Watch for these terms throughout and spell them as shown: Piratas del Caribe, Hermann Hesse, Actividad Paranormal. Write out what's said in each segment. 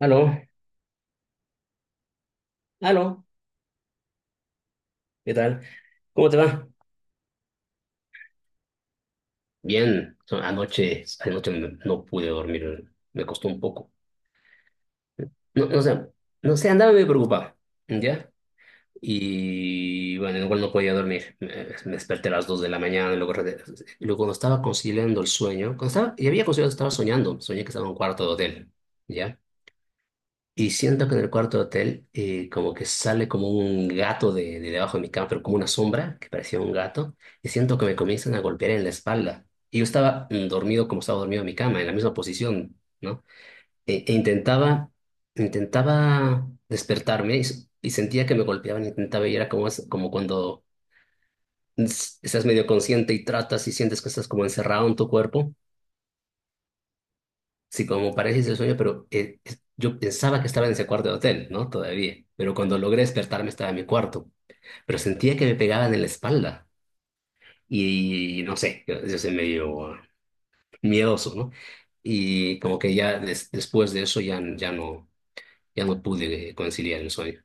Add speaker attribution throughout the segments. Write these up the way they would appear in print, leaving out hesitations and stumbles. Speaker 1: Aló, aló, ¿qué tal? ¿Cómo te va? Bien, anoche no pude dormir, me costó un poco. No, no sé, andaba medio preocupado, ¿ya? Y bueno, igual no podía dormir, me desperté a las 2 de la mañana, y luego cuando estaba conciliando el sueño, cuando estaba, y había conciliado, estaba soñando, soñé que estaba en un cuarto de hotel, ¿ya? Y siento que en el cuarto hotel, como que sale como un gato de debajo de mi cama, pero como una sombra que parecía un gato, y siento que me comienzan a golpear en la espalda. Y yo estaba, dormido como estaba dormido en mi cama, en la misma posición, ¿no? E intentaba despertarme y, y sentía que me golpeaban, intentaba y era como, como cuando estás medio consciente y tratas y sientes que estás como encerrado en tu cuerpo. Sí, como parece ese sueño, pero yo pensaba que estaba en ese cuarto de hotel, ¿no? Todavía. Pero cuando logré despertarme estaba en mi cuarto. Pero sentía que me pegaban en la espalda. Y no sé, yo soy medio miedoso, ¿no? Y como que ya después de eso ya no pude conciliar el sueño.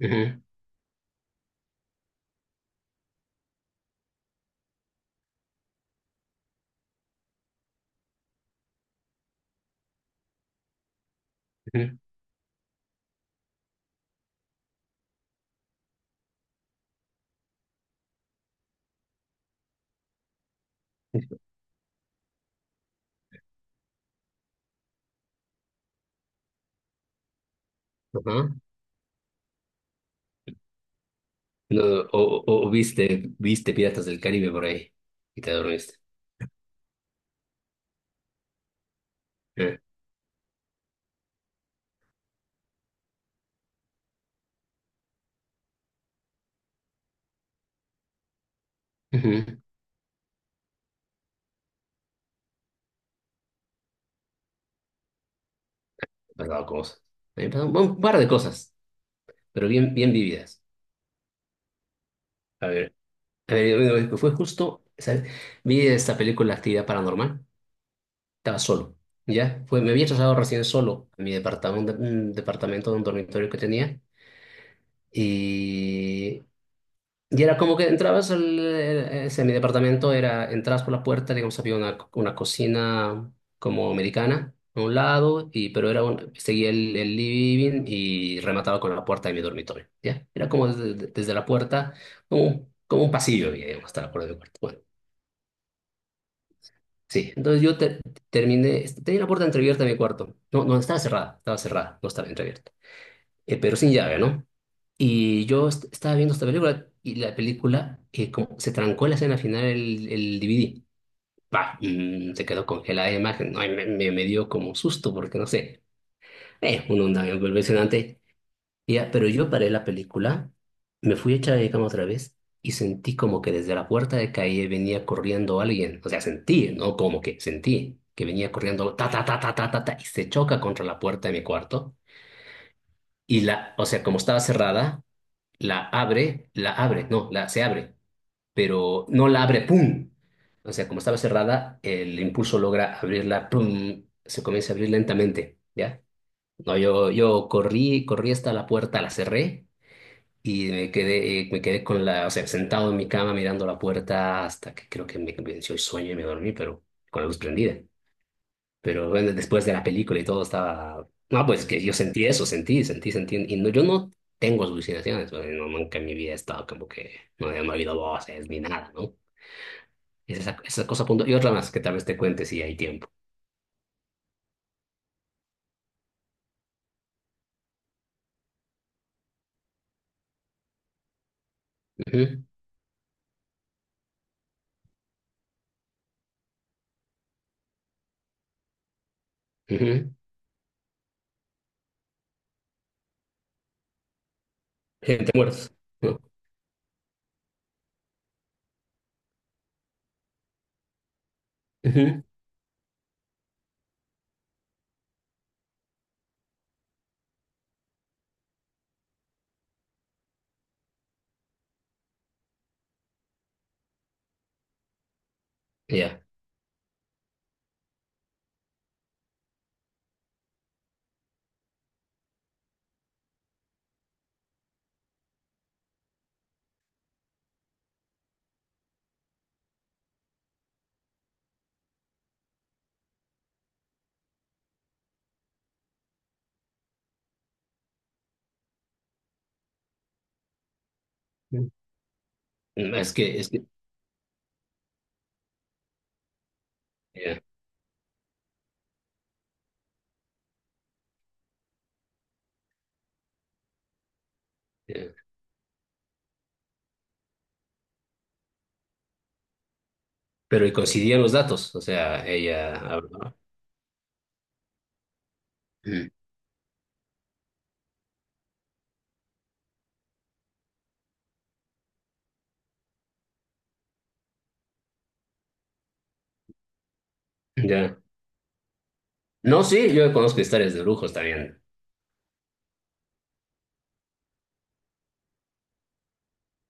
Speaker 1: Ujú, ujú, ajá. No, o viste Piratas del Caribe por ahí y te dormiste. Eh, Ujú. Me han pasado cosas. Me han pasado un par de cosas, pero bien, bien vividas. A ver, a ver, bueno, fue justo, ¿sabes? Vi esta película Actividad Paranormal, estaba solo, ¿ya? Fue, me había trasladado recién solo a mi departamento, un departamento de un dormitorio que tenía y, y era como que entrabas al, ese, mi departamento, era, entrabas por la puerta, digamos, había una cocina como americana a un lado, y, pero era un, seguía el living y remataba con la puerta de mi dormitorio, ¿ya? Era como desde la puerta, como un pasillo, digamos, hasta la puerta de mi cuarto. Bueno. Sí, entonces yo terminé, tenía la puerta entreabierta de mi cuarto. No, no, estaba cerrada, no estaba entreabierta. Pero sin llave, ¿no? Y yo estaba viendo esta película y la película, como se trancó en la escena final el DVD. Bah, se quedó congelada la imagen. Ay, me dio como susto porque no sé. Uno anda medio convencionante ya, pero yo paré la película, me fui a echar de cama otra vez y sentí como que desde la puerta de calle venía corriendo alguien. O sea, sentí, ¿no? Como que sentí que venía corriendo ta, ta, ta, ta, ta, ta, ta, y se choca contra la puerta de mi cuarto. Y la, o sea, como estaba cerrada, la abre, no, la, se abre, pero no la abre, ¡pum! O sea, como estaba cerrada, el impulso logra abrirla, ¡pum! Se comienza a abrir lentamente, ¿ya? No, yo corrí hasta la puerta, la cerré. Y me quedé con la, o sea, sentado en mi cama mirando la puerta hasta que creo que me venció el sueño y me dormí, pero con la luz prendida. Pero bueno, después de la película y todo estaba. No, pues que yo sentí eso, sentí, sentí, sentí. Y no, yo no tengo alucinaciones, o sea, no, nunca en mi vida he estado como que no, no ha habido voces ni nada, ¿no? Es esa cosa punto. Y otra más que tal vez te cuente si hay tiempo. Ujú, ujú. Gente muerta. Ujú. Ya. Es que, ya, ya. Pero y coincidían los datos, o sea, ella hablaba. Mm. Ya. No, sí, yo conozco historias de brujos también.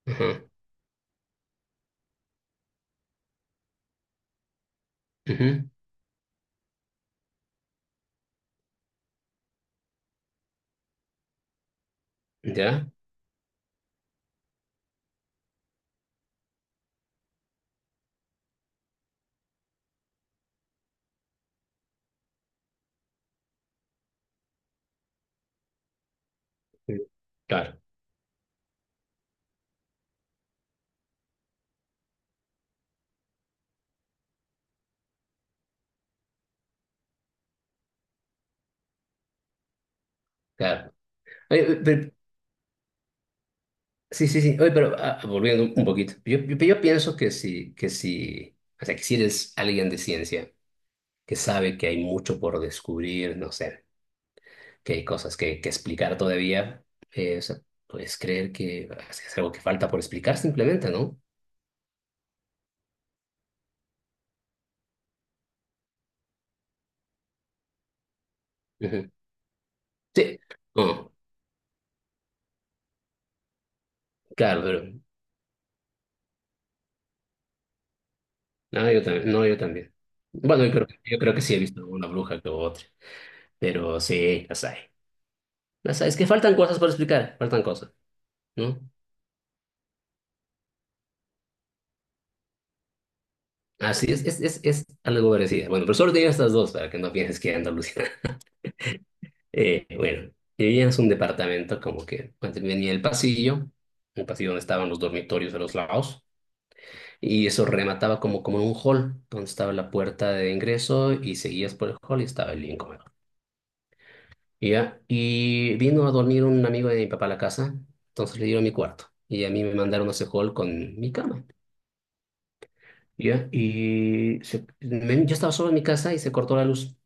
Speaker 1: Ajá, ujú. Ya. Mm. Claro, claro. Oye, sí, sí, sí. Oye, pero, volviendo un poquito. Yo pienso que si, o sea, que si eres alguien de ciencia que sabe que hay mucho por descubrir, no sé, que hay cosas que explicar todavía, o sea, puedes creer que es algo que falta por explicar simplemente, ¿no? Ujú. Sí. Oh, claro. No, yo también. No, yo también. Bueno, yo creo que sí he visto una bruja que otra, pero sí, las hay. Las hay. Es que faltan cosas por explicar, faltan cosas, ¿no? Así es, es algo parecido. Bueno, pero solo tenía estas dos para que no pienses que Andalucía. Bueno, vivíamos un departamento como que antes venía el pasillo, un pasillo donde estaban los dormitorios a los lados, y eso remataba como en un hall, donde estaba la puerta de ingreso y seguías por el hall y estaba el living comedor. Ya, y vino a dormir un amigo de mi papá a la casa, entonces le dieron mi cuarto. Y a mí me mandaron a ese hall con mi cama. Ya, y yo estaba solo en mi casa y se cortó la luz.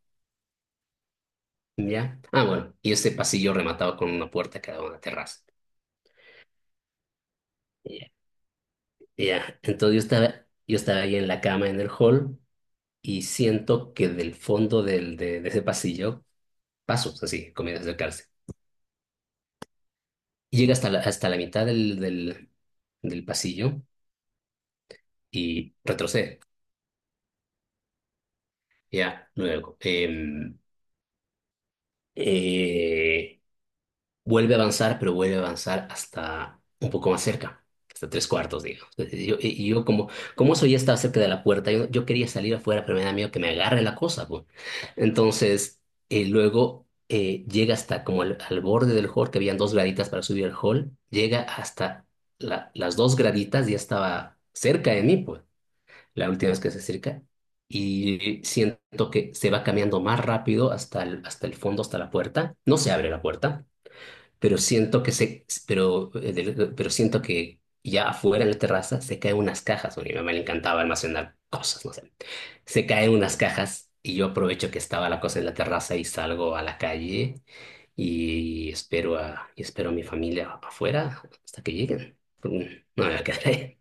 Speaker 1: Ya. Ah, bueno, y ese pasillo rematado con una puerta que daba a una terraza. Ya. Ya. Entonces yo estaba ahí en la cama en el hall y siento que del fondo de ese pasillo, pasos así, comienza a acercarse. Y llega hasta hasta la mitad del pasillo y retrocede. Ya, luego. Eh, Vuelve a avanzar, pero vuelve a avanzar hasta un poco más cerca, hasta tres cuartos, digamos. Entonces, y yo como eso ya estaba cerca de la puerta, yo quería salir afuera, pero me da miedo que me agarre la cosa, pues. Entonces, luego, llega hasta como al borde del hall, que habían dos graditas para subir al hall, llega hasta las dos graditas, ya estaba cerca de mí, pues la última vez que se acerca. Y siento que se va cambiando más rápido hasta hasta el fondo, hasta la puerta. No se abre la puerta, pero siento que ya afuera en la terraza se caen unas cajas. Bueno, a mi mamá le encantaba almacenar cosas, no sé. Se caen unas cajas y yo aprovecho que estaba la cosa en la terraza y salgo a la calle y espero a mi familia afuera hasta que lleguen. Mm. No me voy a quedar ahí.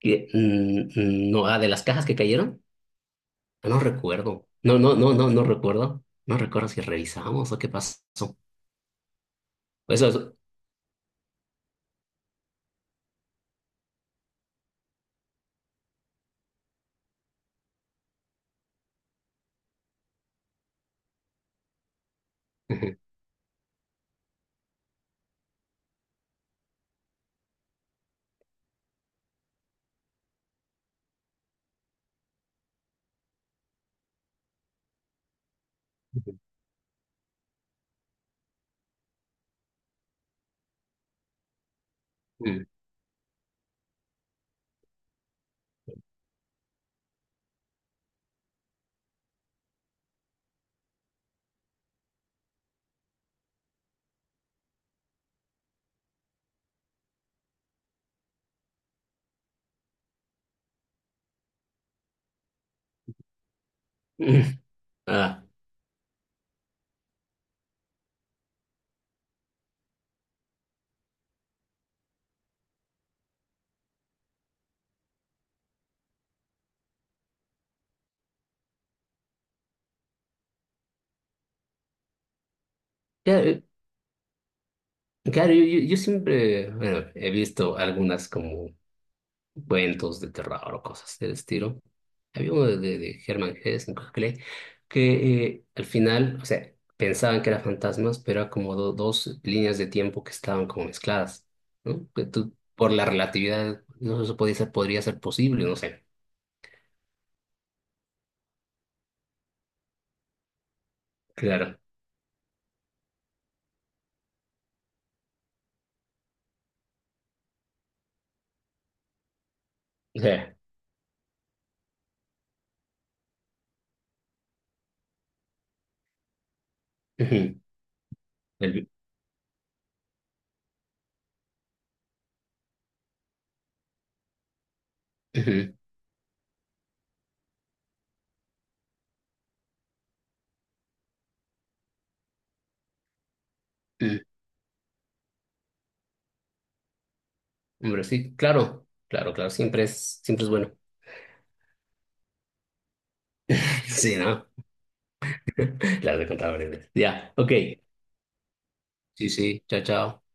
Speaker 1: No, ah, de las cajas que cayeron. No recuerdo. No, no, no, no, no recuerdo. No recuerdo si revisamos o qué pasó. Pues eso es. Ujú. Ujú. Ah, claro, claro, yo siempre, bueno, he visto algunas como cuentos de terror o cosas del estilo. Había uno de Hermann Hesse, creo que leí, que, al final, o sea, pensaban que eran fantasmas, pero era como dos líneas de tiempo que estaban como mezcladas, ¿no? Que tú, por la relatividad, no eso podía ser, podría ser posible, no sé. Claro. Eh, Ujú, el- ujú, mm. Hombre, sí, claro, claro, claro, siempre es bueno. Sí, ¿no? Las de contadores. Ya, ok. Sí, sí, chao, chao.